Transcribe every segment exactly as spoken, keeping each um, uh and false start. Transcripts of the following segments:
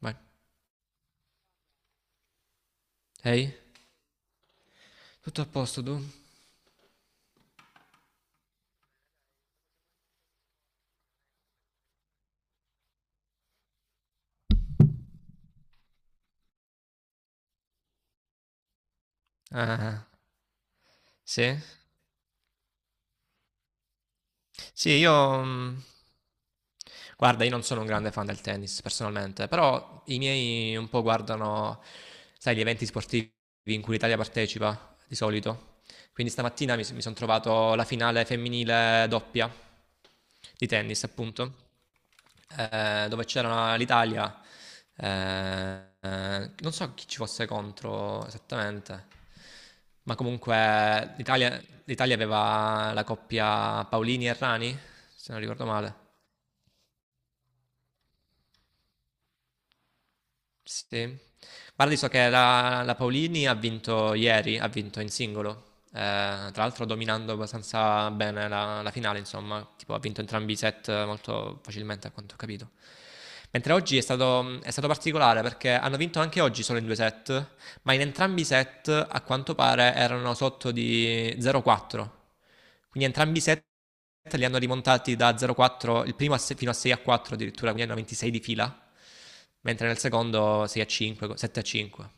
Vai. Ehi? Hey? Tutto a posto tu? Ah, sì? Sì. io... mm, Guarda, io non sono un grande fan del tennis personalmente, però i miei un po' guardano, sai, gli eventi sportivi in cui l'Italia partecipa, di solito. Quindi stamattina mi, mi sono trovato la finale femminile doppia di tennis, appunto, eh, dove c'era l'Italia. Eh, eh, non so chi ci fosse contro esattamente, ma comunque l'Italia l'Italia aveva la coppia Paolini e Rani, se non ricordo male. Sì. Guardi, so che la, la Paolini ha vinto ieri, ha vinto in singolo, eh, tra l'altro dominando abbastanza bene la, la finale, insomma, tipo ha vinto entrambi i set molto facilmente a quanto ho capito. Mentre oggi è stato, è stato particolare perché hanno vinto anche oggi solo in due set, ma in entrambi i set a quanto pare erano sotto di zero a quattro. Quindi entrambi i set li hanno rimontati da zero a quattro, il primo a se- fino a sei a quattro addirittura, quindi hanno ventisei di fila, mentre nel secondo sei a cinque, sette a cinque.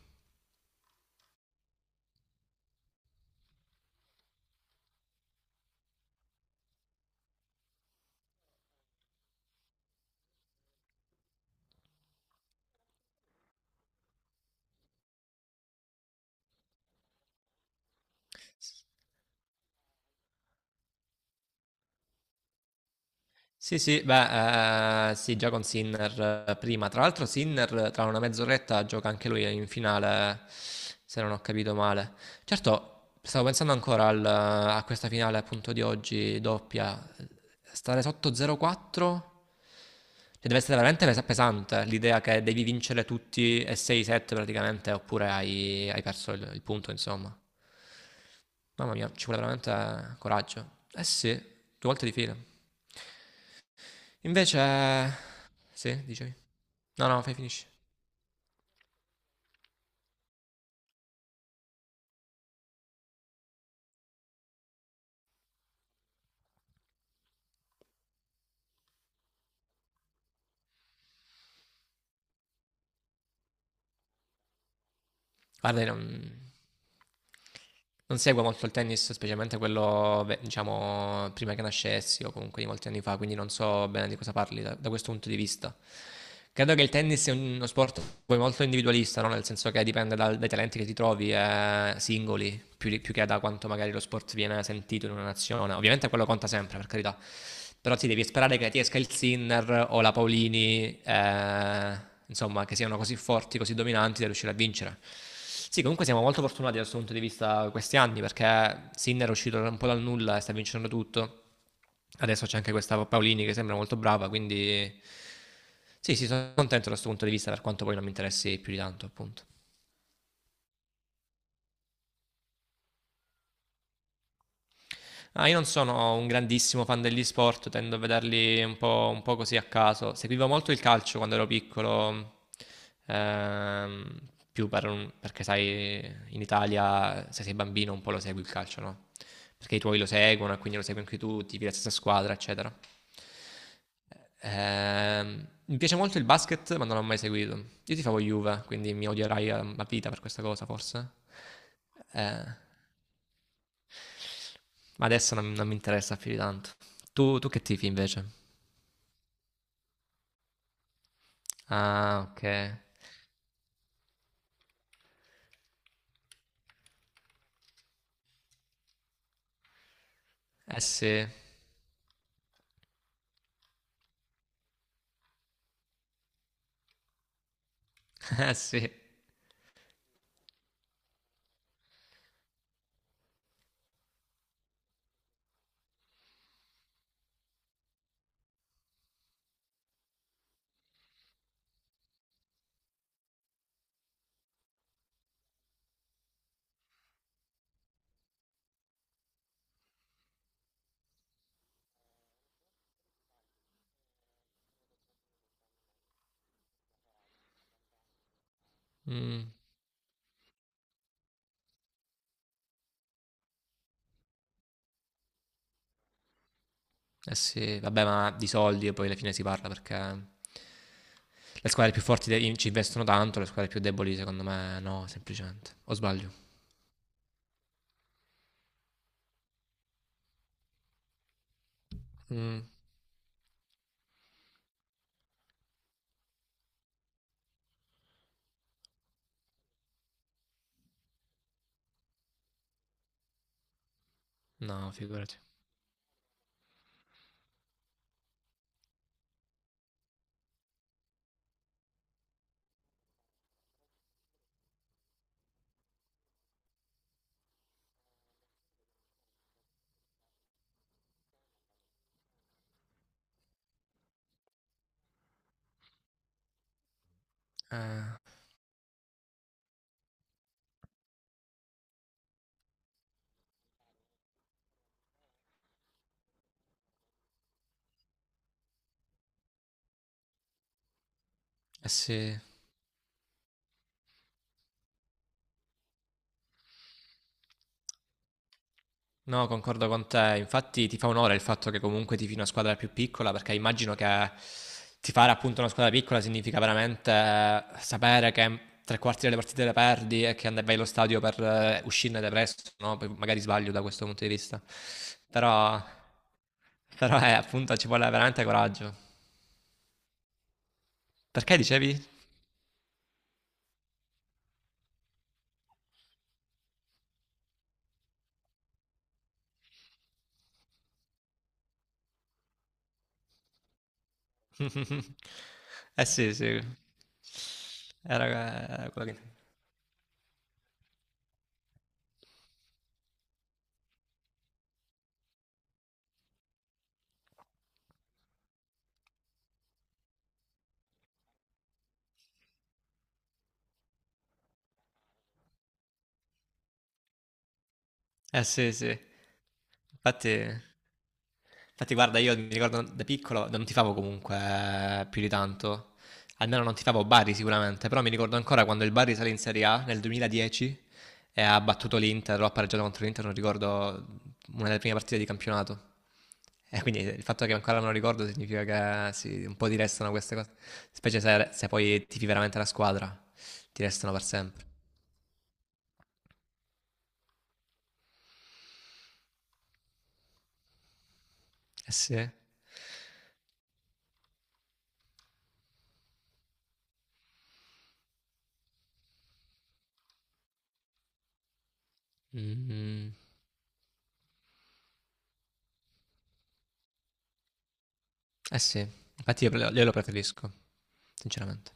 Sì, sì, beh, eh, sì, già con Sinner eh, prima. Tra l'altro Sinner eh, tra una mezz'oretta gioca anche lui in finale, eh, se non ho capito male. Certo, stavo pensando ancora al- eh, a questa finale appunto di oggi, doppia. Stare sotto zero quattro, cioè deve essere veramente pes- pesante l'idea che devi vincere tutti e sei sette praticamente, oppure hai, hai perso il, il punto, insomma. Mamma mia, ci vuole veramente eh, coraggio. Eh sì, due volte di fila. Invece. Sì, dicevi. No, no, fai finisci. Guarda, io non, non seguo molto il tennis, specialmente quello, beh, diciamo, prima che nascessi o comunque di molti anni fa, quindi non so bene di cosa parli da, da questo punto di vista. Credo che il tennis sia uno sport poi molto individualista, no? Nel senso che dipende dal- dai talenti che ti trovi, eh, singoli, più, di- più che da quanto magari lo sport viene sentito in una nazione. Ovviamente quello conta sempre, per carità. Però ti devi sperare che ti esca il Sinner o la Paolini, eh, insomma, che siano così forti, così dominanti da riuscire a vincere. Sì, comunque siamo molto fortunati da questo punto di vista questi anni perché Sinner è uscito un po' dal nulla e sta vincendo tutto. Adesso c'è anche questa Paolini che sembra molto brava, quindi sì, sì, sono contento da questo punto di vista per quanto poi non mi interessi più di tanto, appunto. Ah, io non sono un grandissimo fan degli sport, tendo a vederli un po', un po' così a caso. Seguivo molto il calcio quando ero piccolo, ehm, più per un- perché sai, in Italia se sei bambino un po' lo segui il calcio, no? Perché i tuoi lo seguono e quindi lo segui anche tu, tifi la stessa squadra, eccetera. Ehm, mi piace molto il basket, ma non l'ho mai seguito. Io ti tifavo Juve, quindi mi odierai a a vita per questa cosa, forse. Eh. Ma adesso non, non mi interessa più di tanto. Tu, tu che tifi invece? Ah, ok. Eh sì, eh sì. Mm, eh sì, vabbè, ma di soldi poi alla fine si parla perché le squadre più forti de- ci investono tanto, le squadre più deboli secondo me no, semplicemente. O sbaglio? Mm, no, figurati. Eh, eh sì. No, concordo con te. Infatti ti fa onore il fatto che comunque tifi una squadra più piccola, perché immagino che tifare appunto una squadra piccola significa veramente eh, sapere che tre quarti delle partite le perdi e che and- vai allo stadio per eh, uscirne depresso, no? Poi magari sbaglio da questo punto di vista. Però, però eh, appunto ci vuole veramente coraggio. Perché dicevi? Eh sì, sì. Era, era quello che. Eh sì, sì. Infatti... Infatti, guarda, io mi ricordo da piccolo non tifavo comunque eh, più di tanto. Almeno non tifavo Bari sicuramente, però mi ricordo ancora quando il Bari sale in Serie A nel duemiladieci e ha battuto l'Inter, o ha pareggiato contro l'Inter, non ricordo, una delle prime partite di campionato. E quindi il fatto che ancora me lo ricordo significa che sì, un po' ti restano queste cose, specie se, se poi tifi veramente la squadra, ti restano per sempre. Eh sì. Mm, eh sì, infatti io pre- io lo preferisco, sinceramente.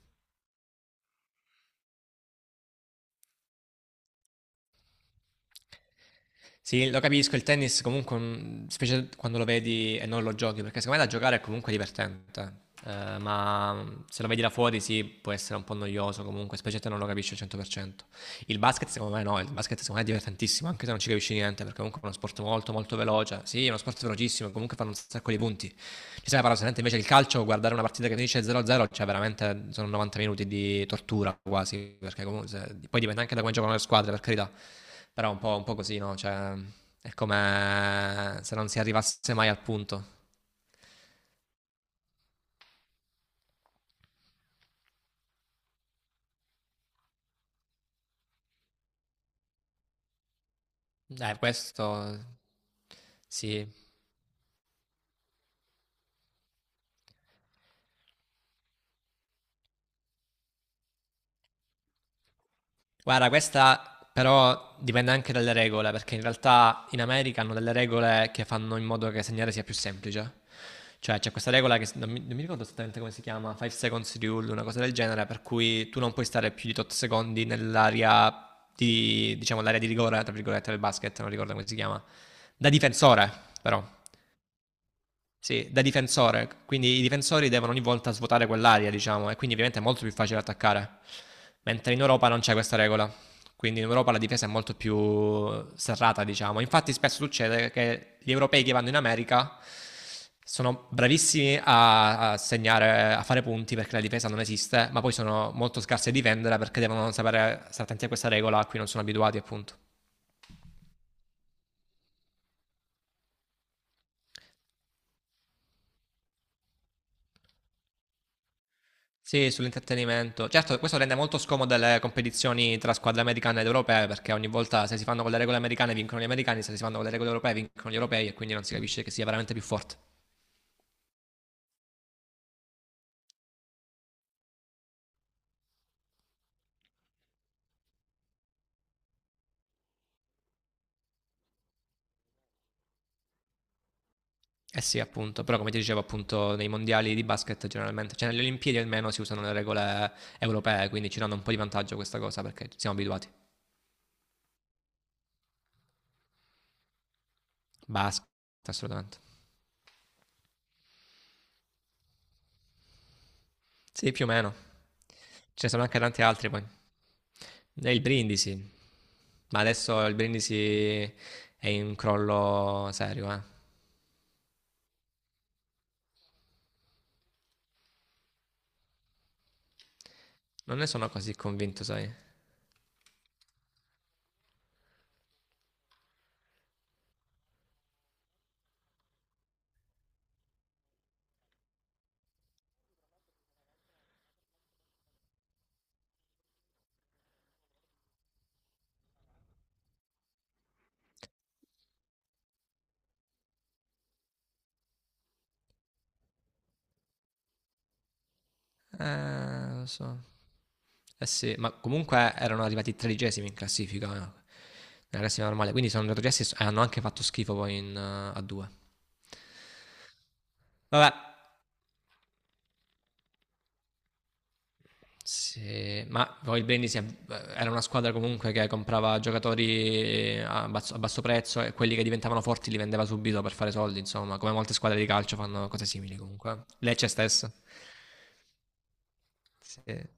Sì, lo capisco, il tennis comunque, mm, specie quando lo vedi e non lo giochi, perché secondo me da giocare è comunque divertente. Eh, ma mm, se lo vedi da fuori sì, può essere un po' noioso comunque, specie se non lo capisci al cento per cento. Il basket secondo me no, il basket secondo me è divertentissimo, anche se non ci capisci niente, perché comunque è uno sport molto molto veloce. Sì, è uno sport velocissimo, comunque fanno un sacco di punti. Bisogna parlare solamente invece il calcio, guardare una partita che finisce zero a zero, cioè veramente sono novanta minuti di tortura quasi, perché comunque se- poi dipende anche da come giocano le squadre, per carità, però è un po', un po' così, no? Cioè, è come se non si arrivasse mai al punto. Eh, questo sì. Guarda, questa però dipende anche dalle regole, perché in realtà in America hanno delle regole che fanno in modo che segnare sia più semplice. Cioè, c'è questa regola che s- non mi, non mi ricordo esattamente come si chiama, five seconds rule, una cosa del genere, per cui tu non puoi stare più di tot secondi nell'area di, diciamo, l'area di rigore, tra virgolette, del basket, non ricordo come si chiama, da difensore, però. Sì, da difensore, quindi i difensori devono ogni volta svuotare quell'area, diciamo, e quindi ovviamente è molto più facile attaccare. Mentre in Europa non c'è questa regola, quindi in Europa la difesa è molto più serrata, diciamo. Infatti spesso succede che gli europei che vanno in America sono bravissimi a, a segnare, a fare punti perché la difesa non esiste, ma poi sono molto scarsi a difendere perché devono sapere stare attenti a questa regola a cui non sono abituati, appunto. Sì, sull'intrattenimento. Certo, questo rende molto scomode le competizioni tra squadre americane ed europee, perché ogni volta se si fanno con le regole americane vincono gli americani, se si fanno con le regole europee vincono gli europei e quindi non si capisce che sia veramente più forte. Eh sì, appunto, però come ti dicevo, appunto, nei mondiali di basket generalmente, cioè nelle Olimpiadi almeno si usano le regole europee, quindi ci danno un po' di vantaggio questa cosa perché siamo abituati. Basket, assolutamente. Sì, più o meno. Ce ne sono anche tanti altri poi. Nel Brindisi. Ma adesso il Brindisi è in crollo serio, eh. Non ne sono così convinto, sai. Eh, lo so. Eh sì, ma comunque erano arrivati tredicesimi in classifica, eh, nella classifica normale. Quindi sono retrocessi e so- e hanno anche fatto schifo poi in, eh, a due. Vabbè. Sì, ma poi il Brindisi è- eh, era una squadra comunque che comprava giocatori eh, a basso, a basso prezzo e quelli che diventavano forti li vendeva subito per fare soldi, insomma, come molte squadre di calcio fanno cose simili comunque. Eh. Lecce stessa. Sì. Eh,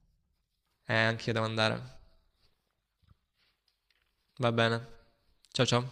anch'io devo andare. Va bene. Ciao ciao.